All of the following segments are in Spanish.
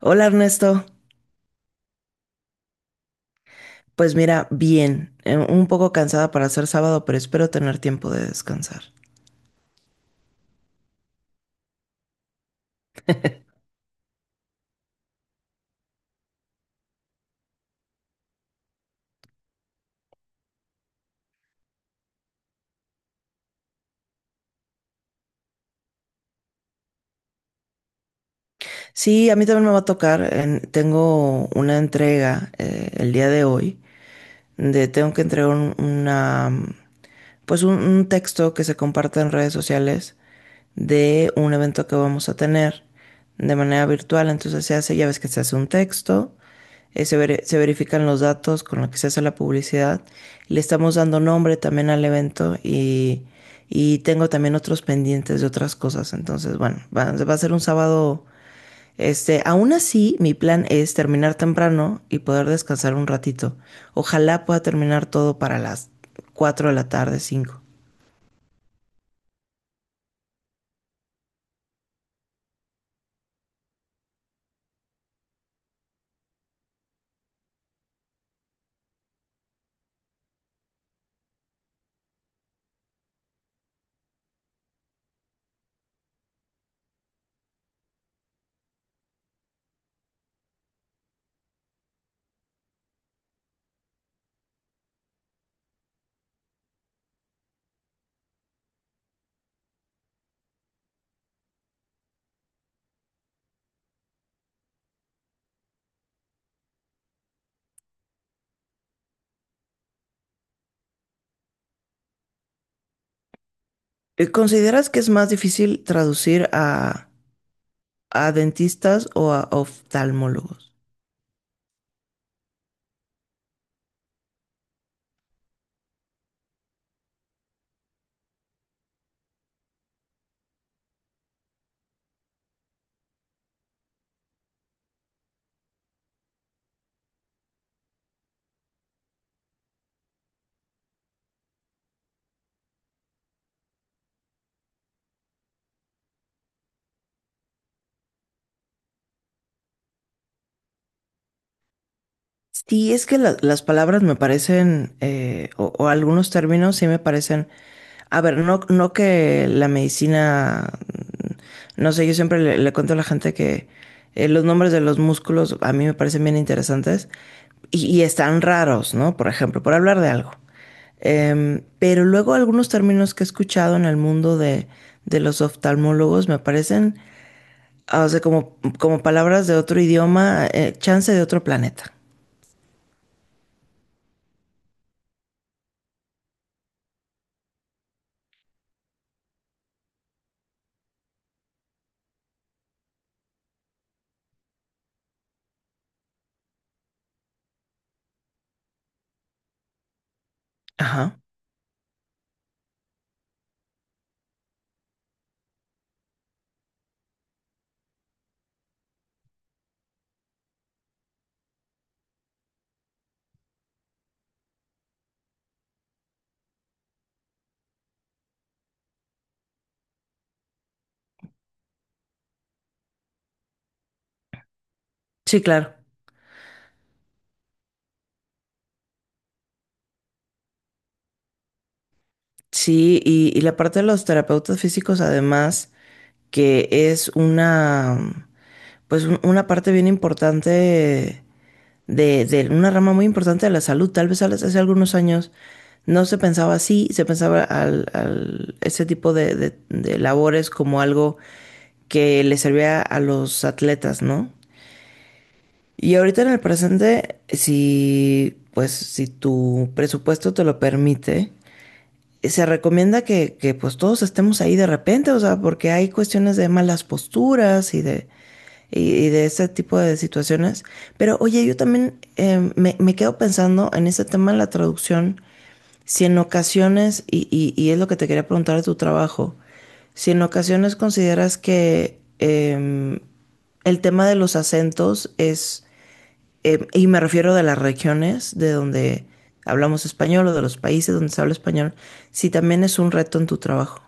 Hola Ernesto, pues mira, bien, un poco cansada para ser sábado, pero espero tener tiempo de descansar. Sí, a mí también me va a tocar, tengo una entrega el día de hoy de tengo que entregar pues un texto que se comparte en redes sociales de un evento que vamos a tener de manera virtual. Entonces se hace, ya ves que se hace un texto, se verifican los datos con los que se hace la publicidad. Le estamos dando nombre también al evento y tengo también otros pendientes de otras cosas. Entonces, bueno, va a ser un sábado aún así, mi plan es terminar temprano y poder descansar un ratito. Ojalá pueda terminar todo para las 4 de la tarde, 5. ¿Consideras que es más difícil traducir a dentistas o a oftalmólogos? Sí, es que las palabras me parecen, o algunos términos sí me parecen. A ver, no que la medicina, no sé, yo siempre le cuento a la gente que los nombres de los músculos a mí me parecen bien interesantes y están raros, ¿no? Por ejemplo, por hablar de algo. Pero luego algunos términos que he escuchado en el mundo de los oftalmólogos me parecen, ah, o sea, como palabras de otro idioma, chance de otro planeta. Ajá. Sí, claro. Sí, y la parte de los terapeutas físicos, además, que es una, pues una parte bien importante de una rama muy importante de la salud. Tal vez hace algunos años no se pensaba así, se pensaba al, al- ese tipo de de labores como algo que le servía a los atletas, ¿no? Y ahorita en el presente, si, pues, si tu presupuesto te lo permite, se recomienda que, pues todos estemos ahí de repente, o sea, porque hay cuestiones de malas posturas y de, y de ese tipo de situaciones. Pero oye, yo también quedo pensando en ese tema de la traducción, si en ocasiones, y, es lo que te quería preguntar de tu trabajo, si en ocasiones consideras que el tema de los acentos es y me refiero de las regiones de donde hablamos español o de los países donde se habla español, si también es un reto en tu trabajo.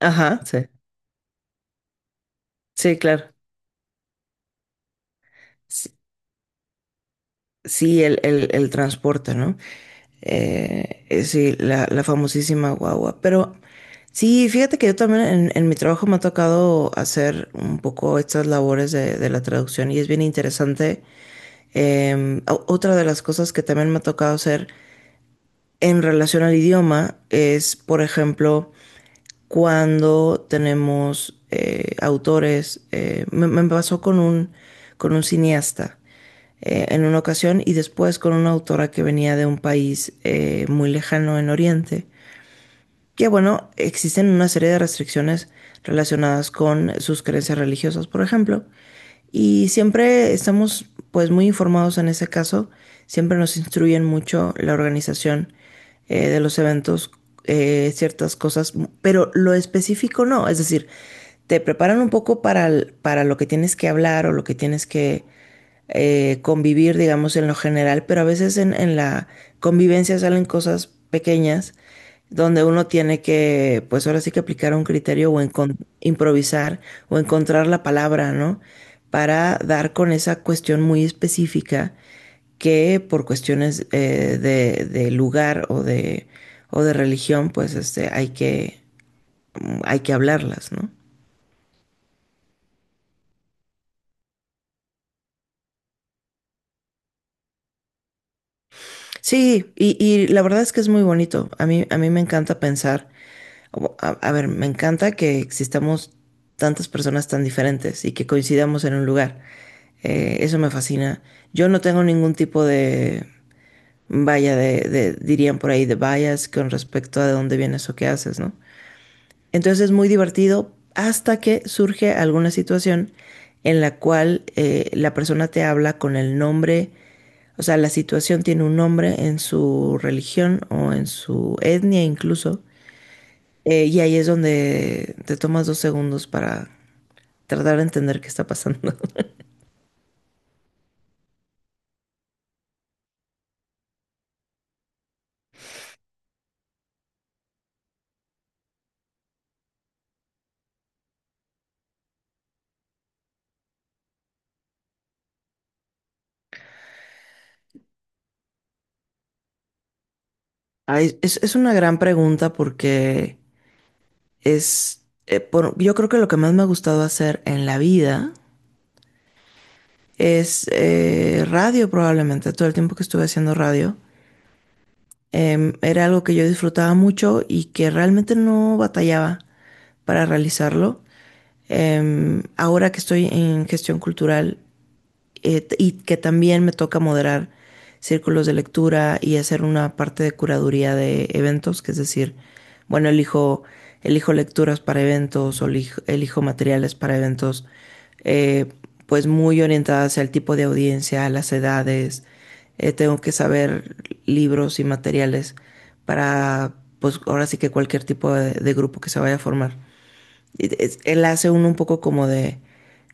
Ajá, sí, sí, claro. Sí, sí, el transporte, ¿no? Sí, la famosísima guagua. Pero sí, fíjate que yo también en mi trabajo me ha tocado hacer un poco estas labores de la traducción y es bien interesante. Otra de las cosas que también me ha tocado hacer en relación al idioma es, por ejemplo, cuando tenemos autores. Me pasó con con un cineasta en una ocasión y después con una autora que venía de un país muy lejano en Oriente que bueno, existen una serie de restricciones relacionadas con sus creencias religiosas, por ejemplo, y siempre estamos pues muy informados en ese caso, siempre nos instruyen mucho la organización de los eventos, ciertas cosas, pero lo específico no, es decir, te preparan un poco para, para lo que tienes que hablar o lo que tienes que convivir, digamos, en lo general, pero a veces en la convivencia salen cosas pequeñas donde uno tiene que, pues ahora sí que aplicar un criterio o improvisar o encontrar la palabra, ¿no? Para dar con esa cuestión muy específica que por cuestiones de de lugar o de religión, pues este, hay que hablarlas, ¿no? Sí, y la verdad es que es muy bonito. A mí me encanta pensar, a ver, me encanta que existamos tantas personas tan diferentes y que coincidamos en un lugar. Eso me fascina. Yo no tengo ningún tipo de, vaya, dirían por ahí, de bias con respecto a de dónde vienes o qué haces, ¿no? Entonces es muy divertido hasta que surge alguna situación en la cual la persona te habla con el nombre, o sea, la situación tiene un nombre en su religión o en su etnia incluso, y ahí es donde te tomas 2 segundos para tratar de entender qué está pasando. Ay, es una gran pregunta porque yo creo que lo que más me ha gustado hacer en la vida es radio probablemente, todo el tiempo que estuve haciendo radio. Era algo que yo disfrutaba mucho y que realmente no batallaba para realizarlo. Ahora que estoy en gestión cultural, y que también me toca moderar círculos de lectura y hacer una parte de curaduría de eventos, que es decir, bueno, elijo, elijo lecturas para eventos o elijo, elijo materiales para eventos, eh, pues muy orientadas al tipo de audiencia, a las edades. Tengo que saber libros y materiales para, pues ahora sí que cualquier tipo de grupo que se vaya a formar. Él hace uno un poco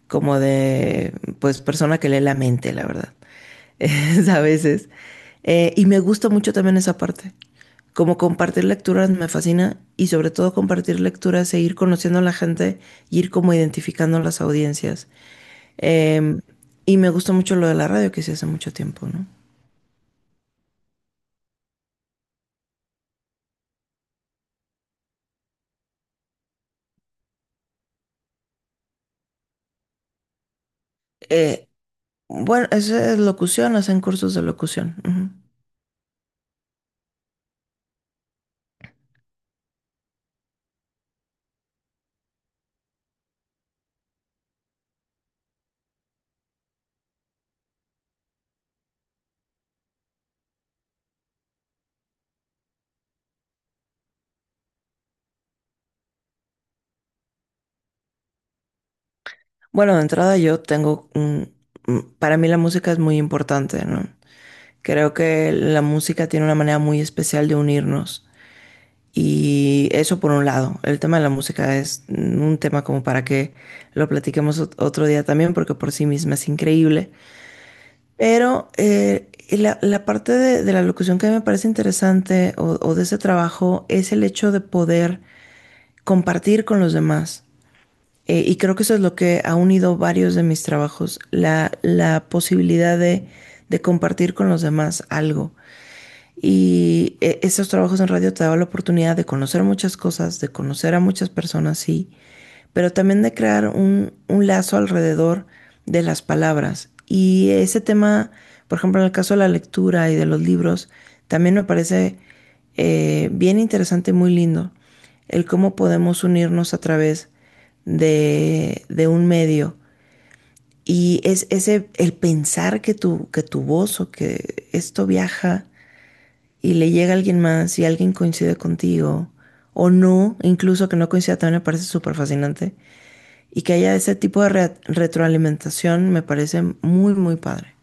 como de, pues, persona que lee la mente, la verdad. Es a veces. Y me gusta mucho también esa parte. Como compartir lecturas me fascina y sobre todo compartir lecturas e ir conociendo a la gente y ir como identificando las audiencias. Eh, y me gusta mucho lo de la radio que hice hace mucho tiempo, ¿no? Eh, bueno, eso es locución, hacen cursos de locución. Ujú. Bueno, de entrada yo tengo un... Para mí la música es muy importante, ¿no? Creo que la música tiene una manera muy especial de unirnos. Y eso por un lado. El tema de la música es un tema como para que lo platiquemos otro día también, porque por sí misma es increíble. Pero la parte de la locución que me parece interesante o de ese trabajo es el hecho de poder compartir con los demás. Y creo que eso es lo que ha unido varios de mis trabajos, la posibilidad de compartir con los demás algo. Y esos trabajos en radio te daban la oportunidad de conocer muchas cosas, de conocer a muchas personas, sí, pero también de crear un lazo alrededor de las palabras. Y ese tema, por ejemplo, en el caso de la lectura y de los libros, también me parece bien interesante y muy lindo el cómo podemos unirnos a través de un medio. Y es ese, el pensar que tu voz o que esto viaja y le llega alguien más y alguien coincide contigo o no, incluso que no coincida también me parece súper fascinante y que haya ese tipo de retroalimentación me parece muy, muy padre.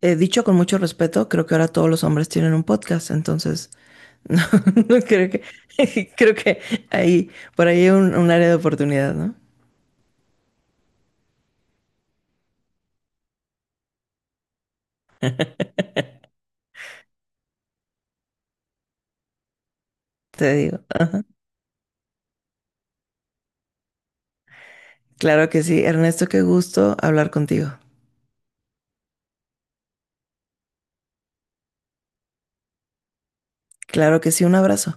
Dicho con mucho respeto, creo que ahora todos los hombres tienen un podcast, entonces no, no creo que creo que ahí por ahí hay un área de oportunidad, ¿no? Te digo. Claro que sí, Ernesto, qué gusto hablar contigo. Claro que sí, un abrazo.